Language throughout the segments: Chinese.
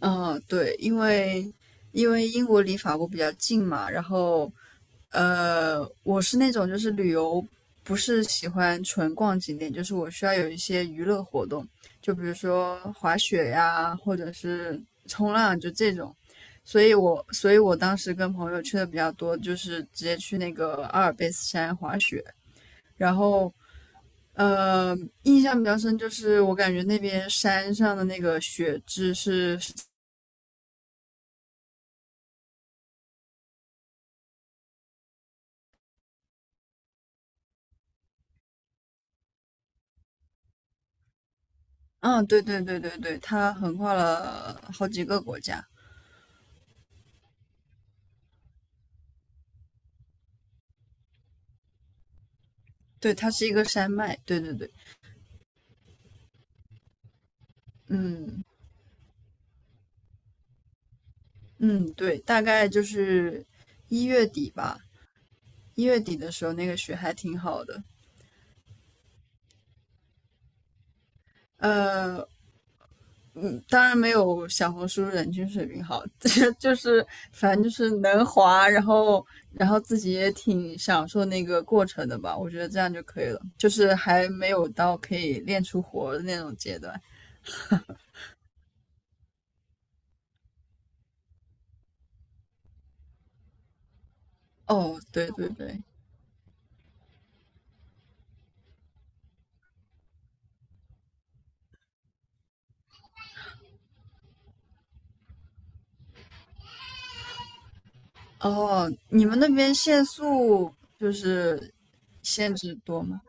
嗯，对，因为英国离法国比较近嘛，然后我是那种就是旅游不是喜欢纯逛景点，就是我需要有一些娱乐活动，就比如说滑雪呀，或者是冲浪，就这种。所以我当时跟朋友去的比较多，就是直接去那个阿尔卑斯山滑雪，然后。呃，印象比较深就是我感觉那边山上的那个雪质是嗯，对，它横跨了好几个国家。对，它是一个山脉。对对对。嗯。嗯，对，大概就是一月底吧，一月底的时候那个雪还挺好的。呃，嗯，当然没有小红书人均水平好，这就是反正就是能滑，然后然后自己也挺享受那个过程的吧。我觉得这样就可以了，就是还没有到可以练出活儿的那种阶段。哦，对对对。哦，你们那边限速就是限制多吗？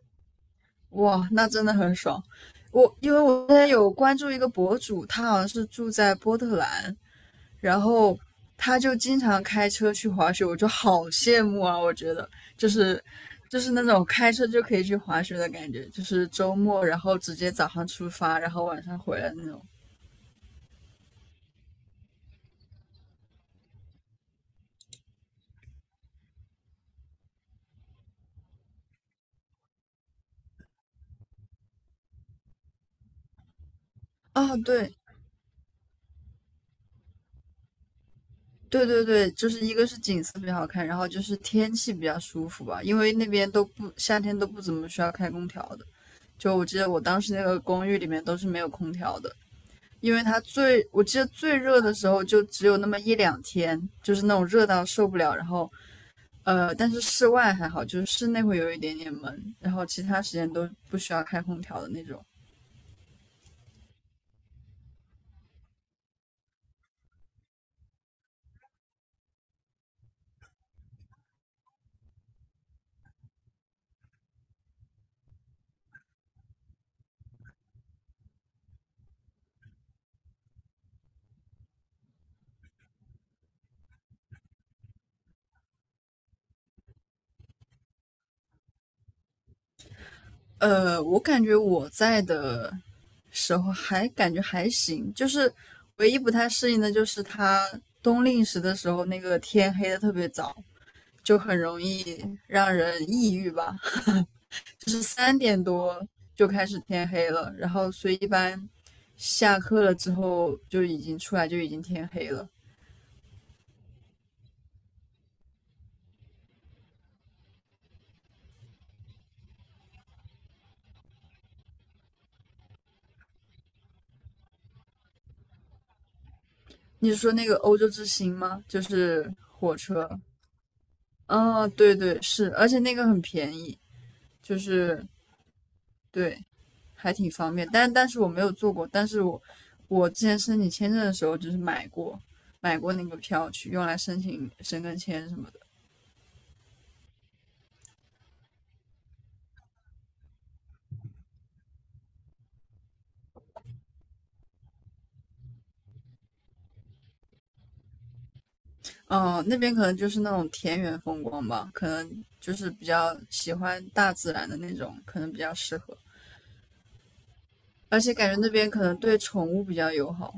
哇，那真的很爽。因为我之前有关注一个博主，他好像是住在波特兰，然后他就经常开车去滑雪，我就好羡慕啊！我觉得就是就是那种开车就可以去滑雪的感觉，就是周末然后直接早上出发，然后晚上回来那种。哦，对，对对对，就是一个是景色比较好看，然后就是天气比较舒服吧，因为那边都不夏天都不怎么需要开空调的。就我记得我当时那个公寓里面都是没有空调的，因为它最我记得最热的时候就只有那么一两天，就是那种热到受不了。然后但是室外还好，就是室内会有一点点闷，然后其他时间都不需要开空调的那种。我感觉我在的时候还感觉还行，就是唯一不太适应的就是它冬令时的时候，那个天黑的特别早，就很容易让人抑郁吧。就是3点多就开始天黑了，然后所以一般下课了之后就已经出来就已经天黑了。你是说那个欧洲之星吗？就是火车。嗯、对对是，而且那个很便宜，就是对，还挺方便。但是我没有做过，但是我之前申请签证的时候就是买过那个票去用来申请申根签什么的。那边可能就是那种田园风光吧，可能就是比较喜欢大自然的那种，可能比较适合。而且感觉那边可能对宠物比较友好。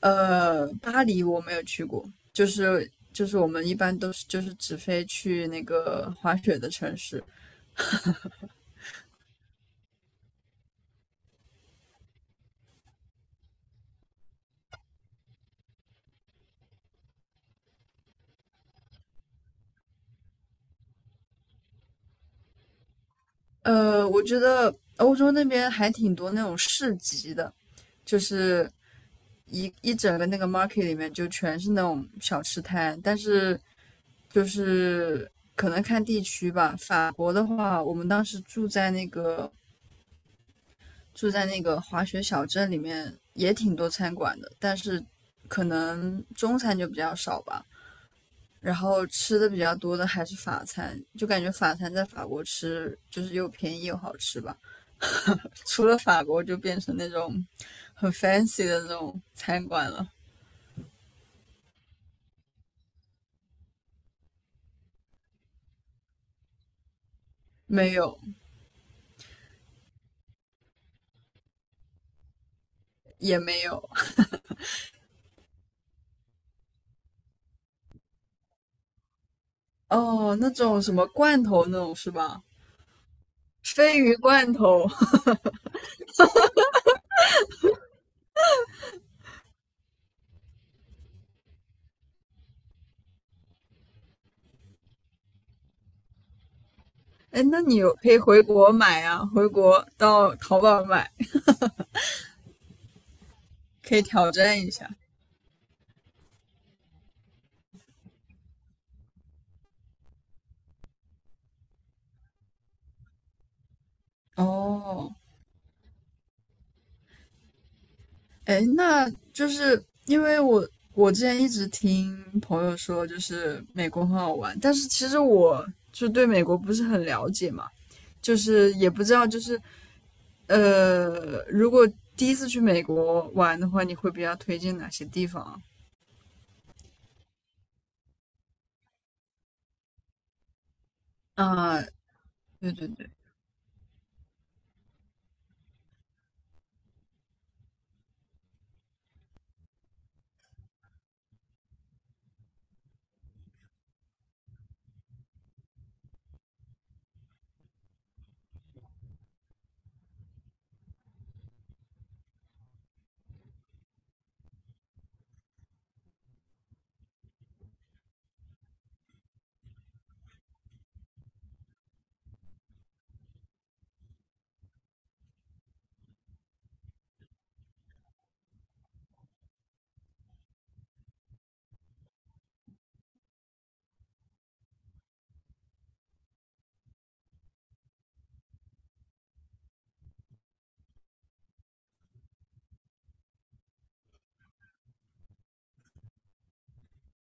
巴黎我没有去过，就是我们一般都是就是只飞去那个滑雪的城市。我觉得欧洲那边还挺多那种市集的，就是一整个那个 market 里面就全是那种小吃摊，但是就是可能看地区吧。法国的话，我们当时住在那个滑雪小镇里面，也挺多餐馆的，但是可能中餐就比较少吧。然后吃的比较多的还是法餐，就感觉法餐在法国吃就是又便宜又好吃吧。除了法国就变成那种很 fancy 的那种餐馆了。没有。也没有。哦，那种什么罐头那种是吧？鲱鱼罐头。哎，那你可以回国买啊，回国到淘宝买，可以挑战一下。哦。哎，那就是因为我之前一直听朋友说，就是美国很好玩，但是其实我就对美国不是很了解嘛，就是也不知道如果第一次去美国玩的话，你会比较推荐哪些地方啊？对对对。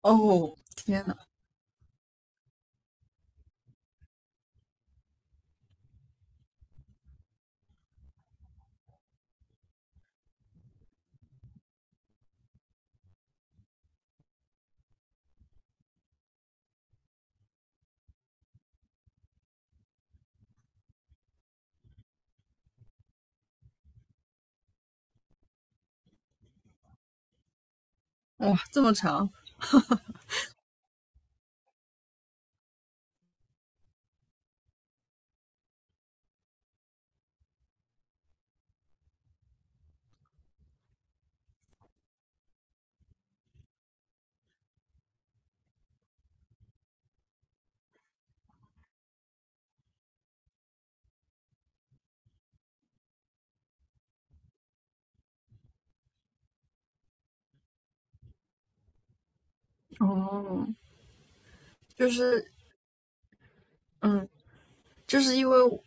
哦，天呐。哇，这么长。哦。就是嗯，就是因为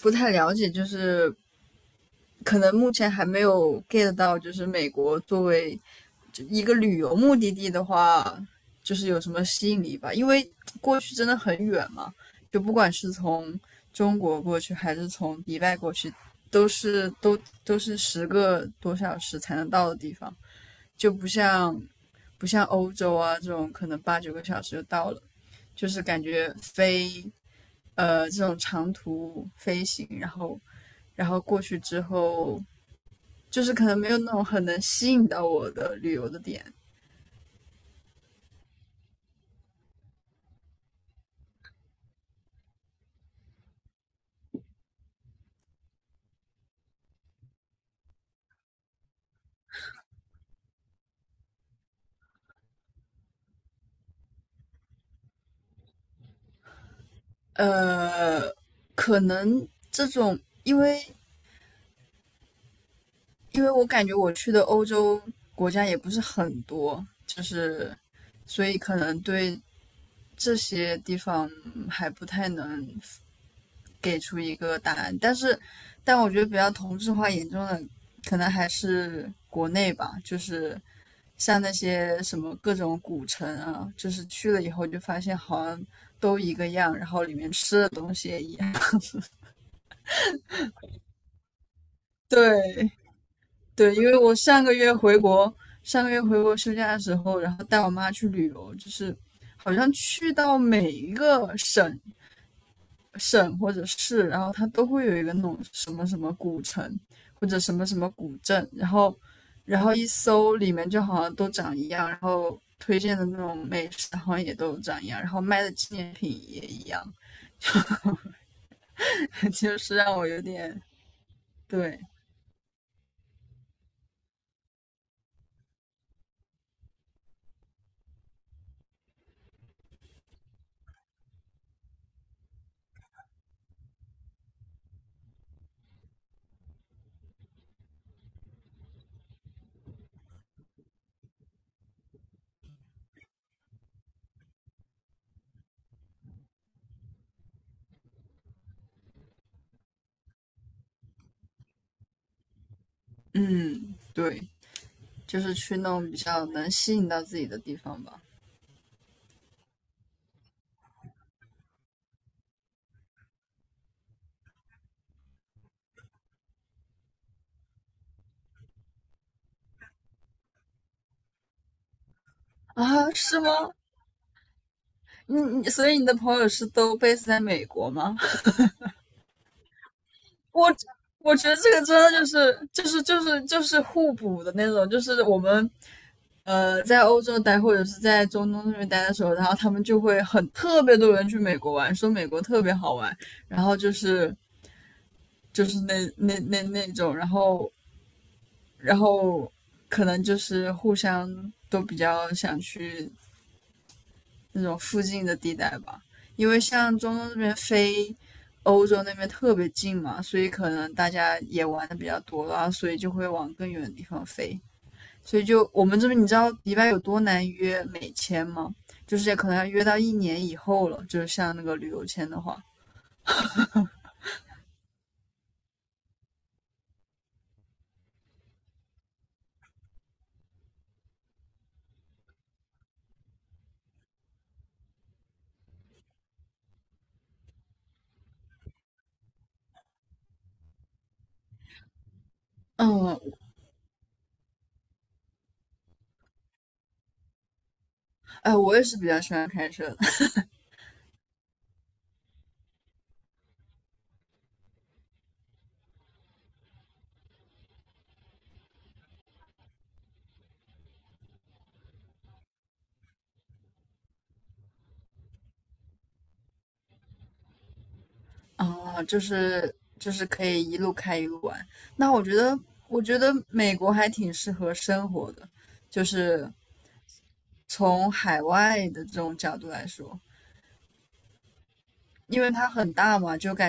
不太了解，就是可能目前还没有 get 到，就是美国作为一个旅游目的地的话，就是有什么吸引力吧？因为过去真的很远嘛，就不管是从中国过去还是从迪拜过去，都是都都是十个多小时才能到的地方，就不像不像欧洲啊这种可能八九个小时就到了，就是感觉飞这种长途飞行，然后然后过去之后，就是可能没有那种很能吸引到我的旅游的点。呃，可能这种，因为因为我感觉我去的欧洲国家也不是很多，就是所以可能对这些地方还不太能给出一个答案。但是，但我觉得比较同质化严重的，可能还是国内吧，就是像那些什么各种古城啊，就是去了以后就发现好像都一个样，然后里面吃的东西也一样。对。对，因为我上个月回国，上个月回国休假的时候，然后带我妈去旅游，就是好像去到每一个省或者市，然后它都会有一个那种什么什么古城或者什么什么古镇，然后然后一搜里面就好像都长一样，然后推荐的那种美食好像也都长一样，然后卖的纪念品也一样，就是让我有点对。嗯，对，就是去那种比较能吸引到自己的地方吧。啊，是吗？你你，所以你的朋友是都 base 在美国吗？我我觉得这个真的就是互补的那种，就是我们在欧洲待或者是在中东那边待的时候，然后他们就会很特别多人去美国玩，说美国特别好玩，然后就是就是那种，然后然后可能就是互相都比较想去那种附近的地带吧，因为像中东这边飞欧洲那边特别近嘛，所以可能大家也玩的比较多了后所以就会往更远的地方飞。所以就我们这边，你知道迪拜有多难约美签吗？就是可能要约到1年以后了，就是像那个旅游签的话。嗯。哎，我也是比较喜欢开车的。啊，就是可以一路开一路玩。那我觉得，我觉得美国还挺适合生活的，就是从海外的这种角度来说，因为它很大嘛，就感觉。